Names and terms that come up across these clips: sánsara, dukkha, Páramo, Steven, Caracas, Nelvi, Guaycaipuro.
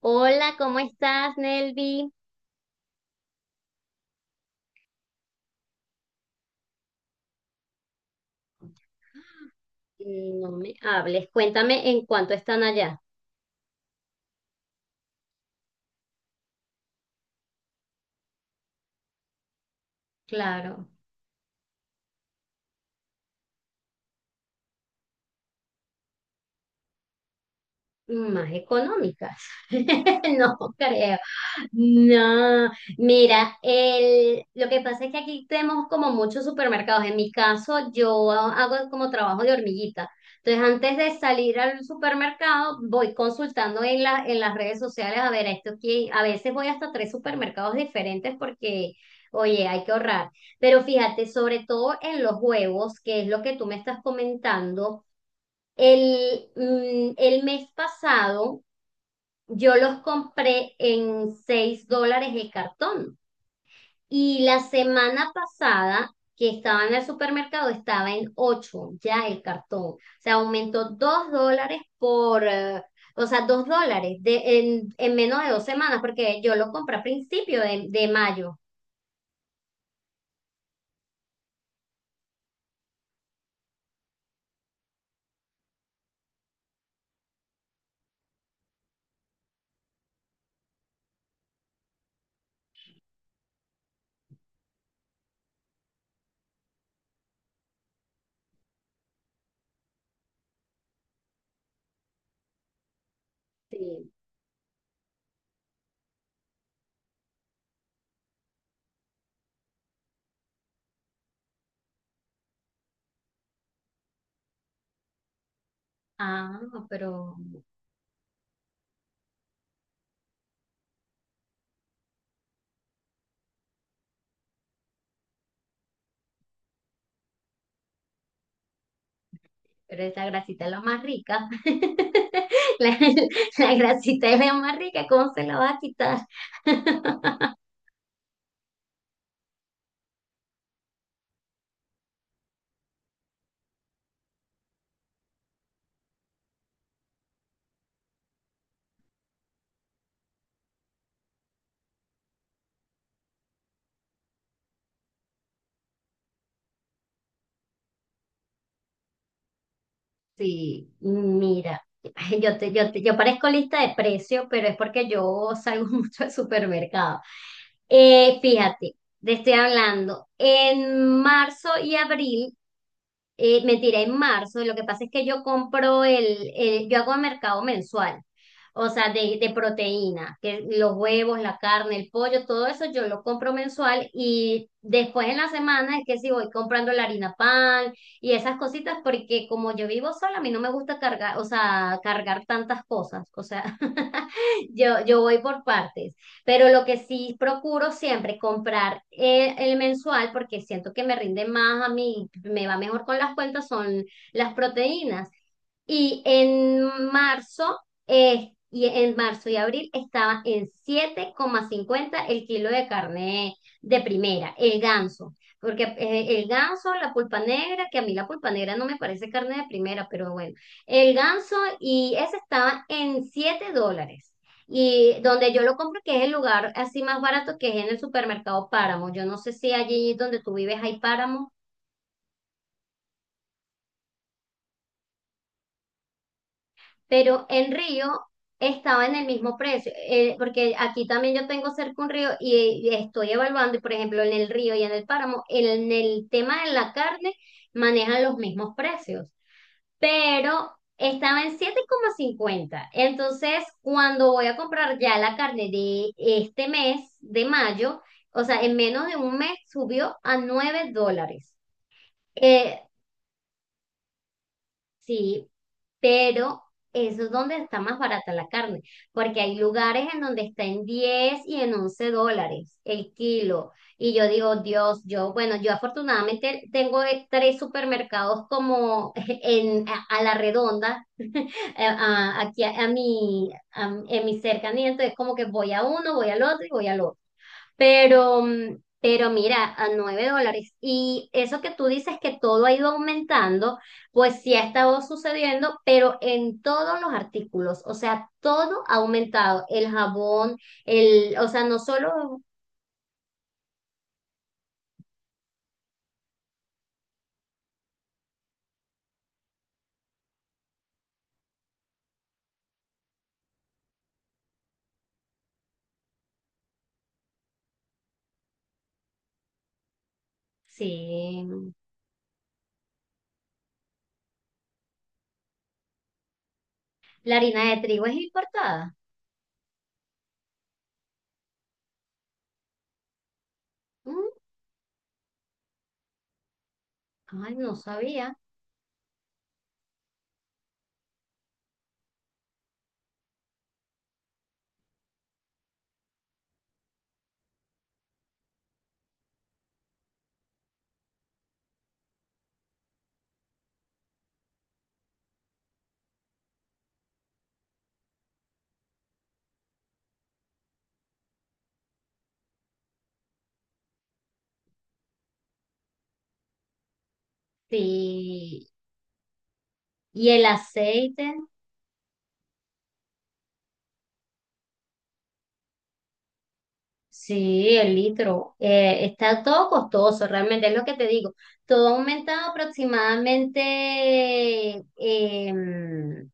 Hola, ¿cómo estás, Nelvi? No me hables, cuéntame en cuánto están allá. Claro, más económicas. No creo. No, mira, lo que pasa es que aquí tenemos como muchos supermercados. En mi caso, yo hago como trabajo de hormiguita. Entonces, antes de salir al supermercado, voy consultando en las redes sociales a ver a esto que a veces voy hasta tres supermercados diferentes porque, oye, hay que ahorrar. Pero fíjate, sobre todo en los huevos, que es lo que tú me estás comentando. El mes pasado yo los compré en $6 el cartón y la semana pasada que estaba en el supermercado estaba en 8 ya el cartón. O sea, aumentó $2 por, o sea, $2 en menos de 2 semanas porque yo los compré a principio de mayo. Sí. Ah, pero. Pero esa grasita es la más rica. La, la grasita es la más rica. ¿Cómo se la va a quitar? Sí, mira, ay, yo parezco lista de precios, pero es porque yo salgo mucho al supermercado. Fíjate, te estoy hablando, en marzo y abril. Mentira, en marzo. Lo que pasa es que yo compro yo hago mercado mensual, o sea, de proteína, que los huevos, la carne, el pollo, todo eso yo lo compro mensual y después en la semana es que sí voy comprando la harina pan y esas cositas porque como yo vivo sola, a mí no me gusta cargar, o sea, cargar tantas cosas, o sea, yo voy por partes. Pero lo que sí procuro siempre comprar, el mensual porque siento que me rinde más a mí, me va mejor con las cuentas, son las proteínas. Y en marzo, y en marzo y abril estaba en 7,50 el kilo de carne de primera, el ganso. Porque, el ganso, la pulpa negra, que a mí la pulpa negra no me parece carne de primera, pero bueno, el ganso y ese estaba en $7. Y donde yo lo compro, que es el lugar así más barato, que es en el supermercado Páramo. Yo no sé si allí donde tú vives hay Páramo. Pero en Río estaba en el mismo precio, porque aquí también yo tengo cerca un río y, estoy evaluando, y por ejemplo, en el río y en el páramo, en el tema de la carne manejan los mismos precios, pero estaba en siete coma cincuenta. Entonces, cuando voy a comprar ya la carne de este mes, de mayo, o sea, en menos de un mes subió a $9. Eh, Sí, pero eso es donde está más barata la carne, porque hay lugares en donde está en 10 y en $11 el kilo. Y yo digo, Dios, yo, bueno, yo afortunadamente tengo, tres supermercados como a la redonda, aquí en mi cercanía, entonces como que voy a uno, voy al otro y voy al otro. Pero mira, a $9. Y eso que tú dices que todo ha ido aumentando, pues sí ha estado sucediendo, pero en todos los artículos. O sea, todo ha aumentado. El jabón, o sea, no solo, sí, la harina de trigo es importada. Mm. Ay, no sabía. Sí. Y el aceite. Sí, el litro. Está todo costoso, realmente es lo que te digo. Todo ha aumentado aproximadamente, em,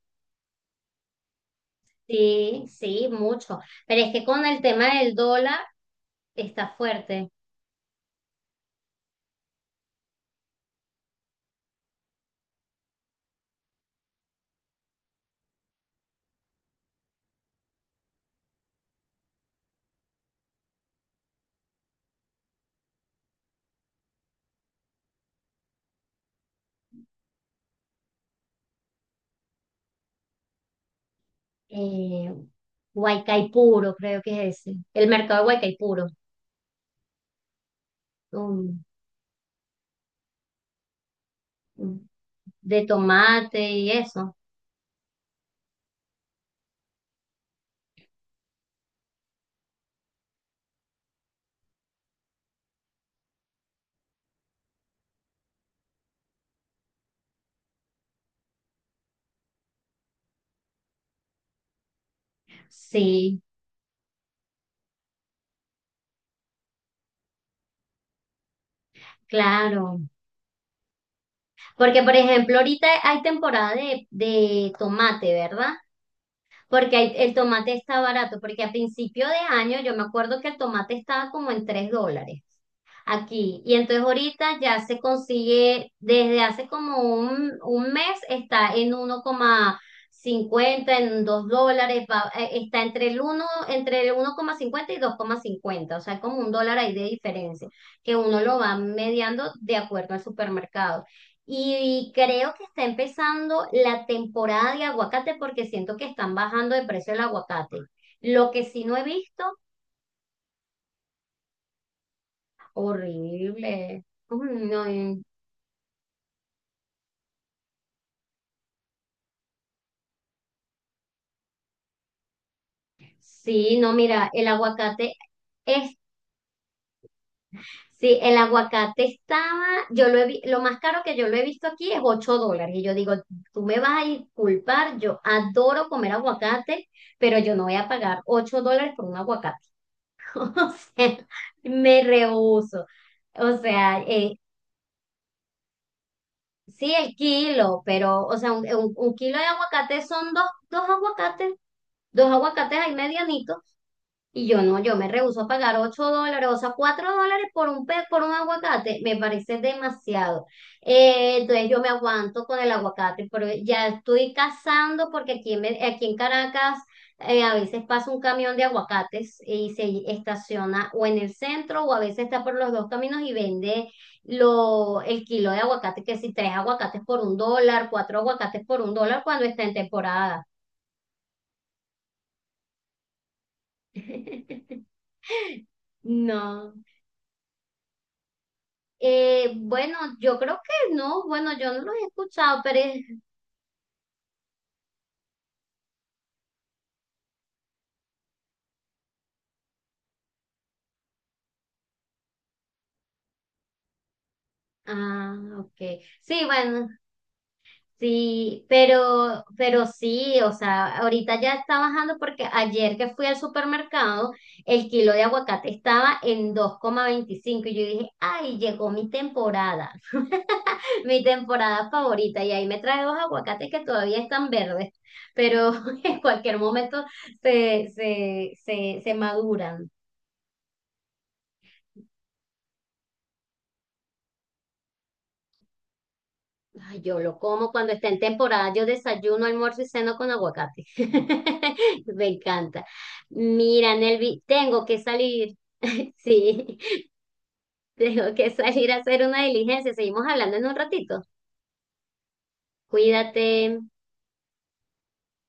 sí, sí, mucho. Pero es que con el tema del dólar está fuerte. Eh, Guaycaipuro, creo que es ese. El mercado de Guaycaipuro. um, um, de tomate y eso. Sí, claro. Porque, por ejemplo, ahorita hay temporada de tomate, ¿verdad? Porque el tomate está barato, porque a principio de año yo me acuerdo que el tomate estaba como en $3. Aquí. Y entonces ahorita ya se consigue, desde hace como un mes, está en 1,50 en $2, está entre el 1,50 y 2,50, o sea, como $1 ahí de diferencia, que uno lo va mediando de acuerdo al supermercado. Y creo que está empezando la temporada de aguacate porque siento que están bajando de precio el aguacate. Lo que sí no he visto, horrible. Mm. No. Sí, no, mira, el aguacate es, sí, el aguacate estaba, yo lo he, vi- lo más caro que yo lo he visto aquí es $8. Y yo digo, tú me vas a disculpar, yo adoro comer aguacate, pero yo no voy a pagar $8 por un aguacate. O sea, me rehúso. O sea, sí, el kilo, pero, o sea, un kilo de aguacate son dos, dos aguacates, dos aguacates ahí medianitos. Y yo no, yo me rehúso a pagar 8 dólares, o sea, $4 por un aguacate, me parece demasiado. Entonces yo me aguanto con el aguacate, pero ya estoy cazando porque aquí en Caracas, a veces pasa un camión de aguacates y se estaciona o en el centro o a veces está por los dos caminos y vende el kilo de aguacate, que si tres aguacates por $1, cuatro aguacates por $1 cuando está en temporada. No. Bueno, yo creo que no, bueno, yo no los he escuchado, pero es... Ah, ok. Sí, bueno, sí, pero sí, o sea, ahorita ya está bajando porque ayer que fui al supermercado, el kilo de aguacate estaba en 2,25 y yo dije, ay, llegó mi temporada, mi temporada favorita, y ahí me trae dos aguacates que todavía están verdes, pero en cualquier momento se maduran. Ay, yo lo como cuando está en temporada. Yo desayuno, almuerzo y ceno con aguacate. Me encanta. Mira, Nelvi, tengo que salir. Sí, tengo que salir a hacer una diligencia. Seguimos hablando en un ratito. Cuídate.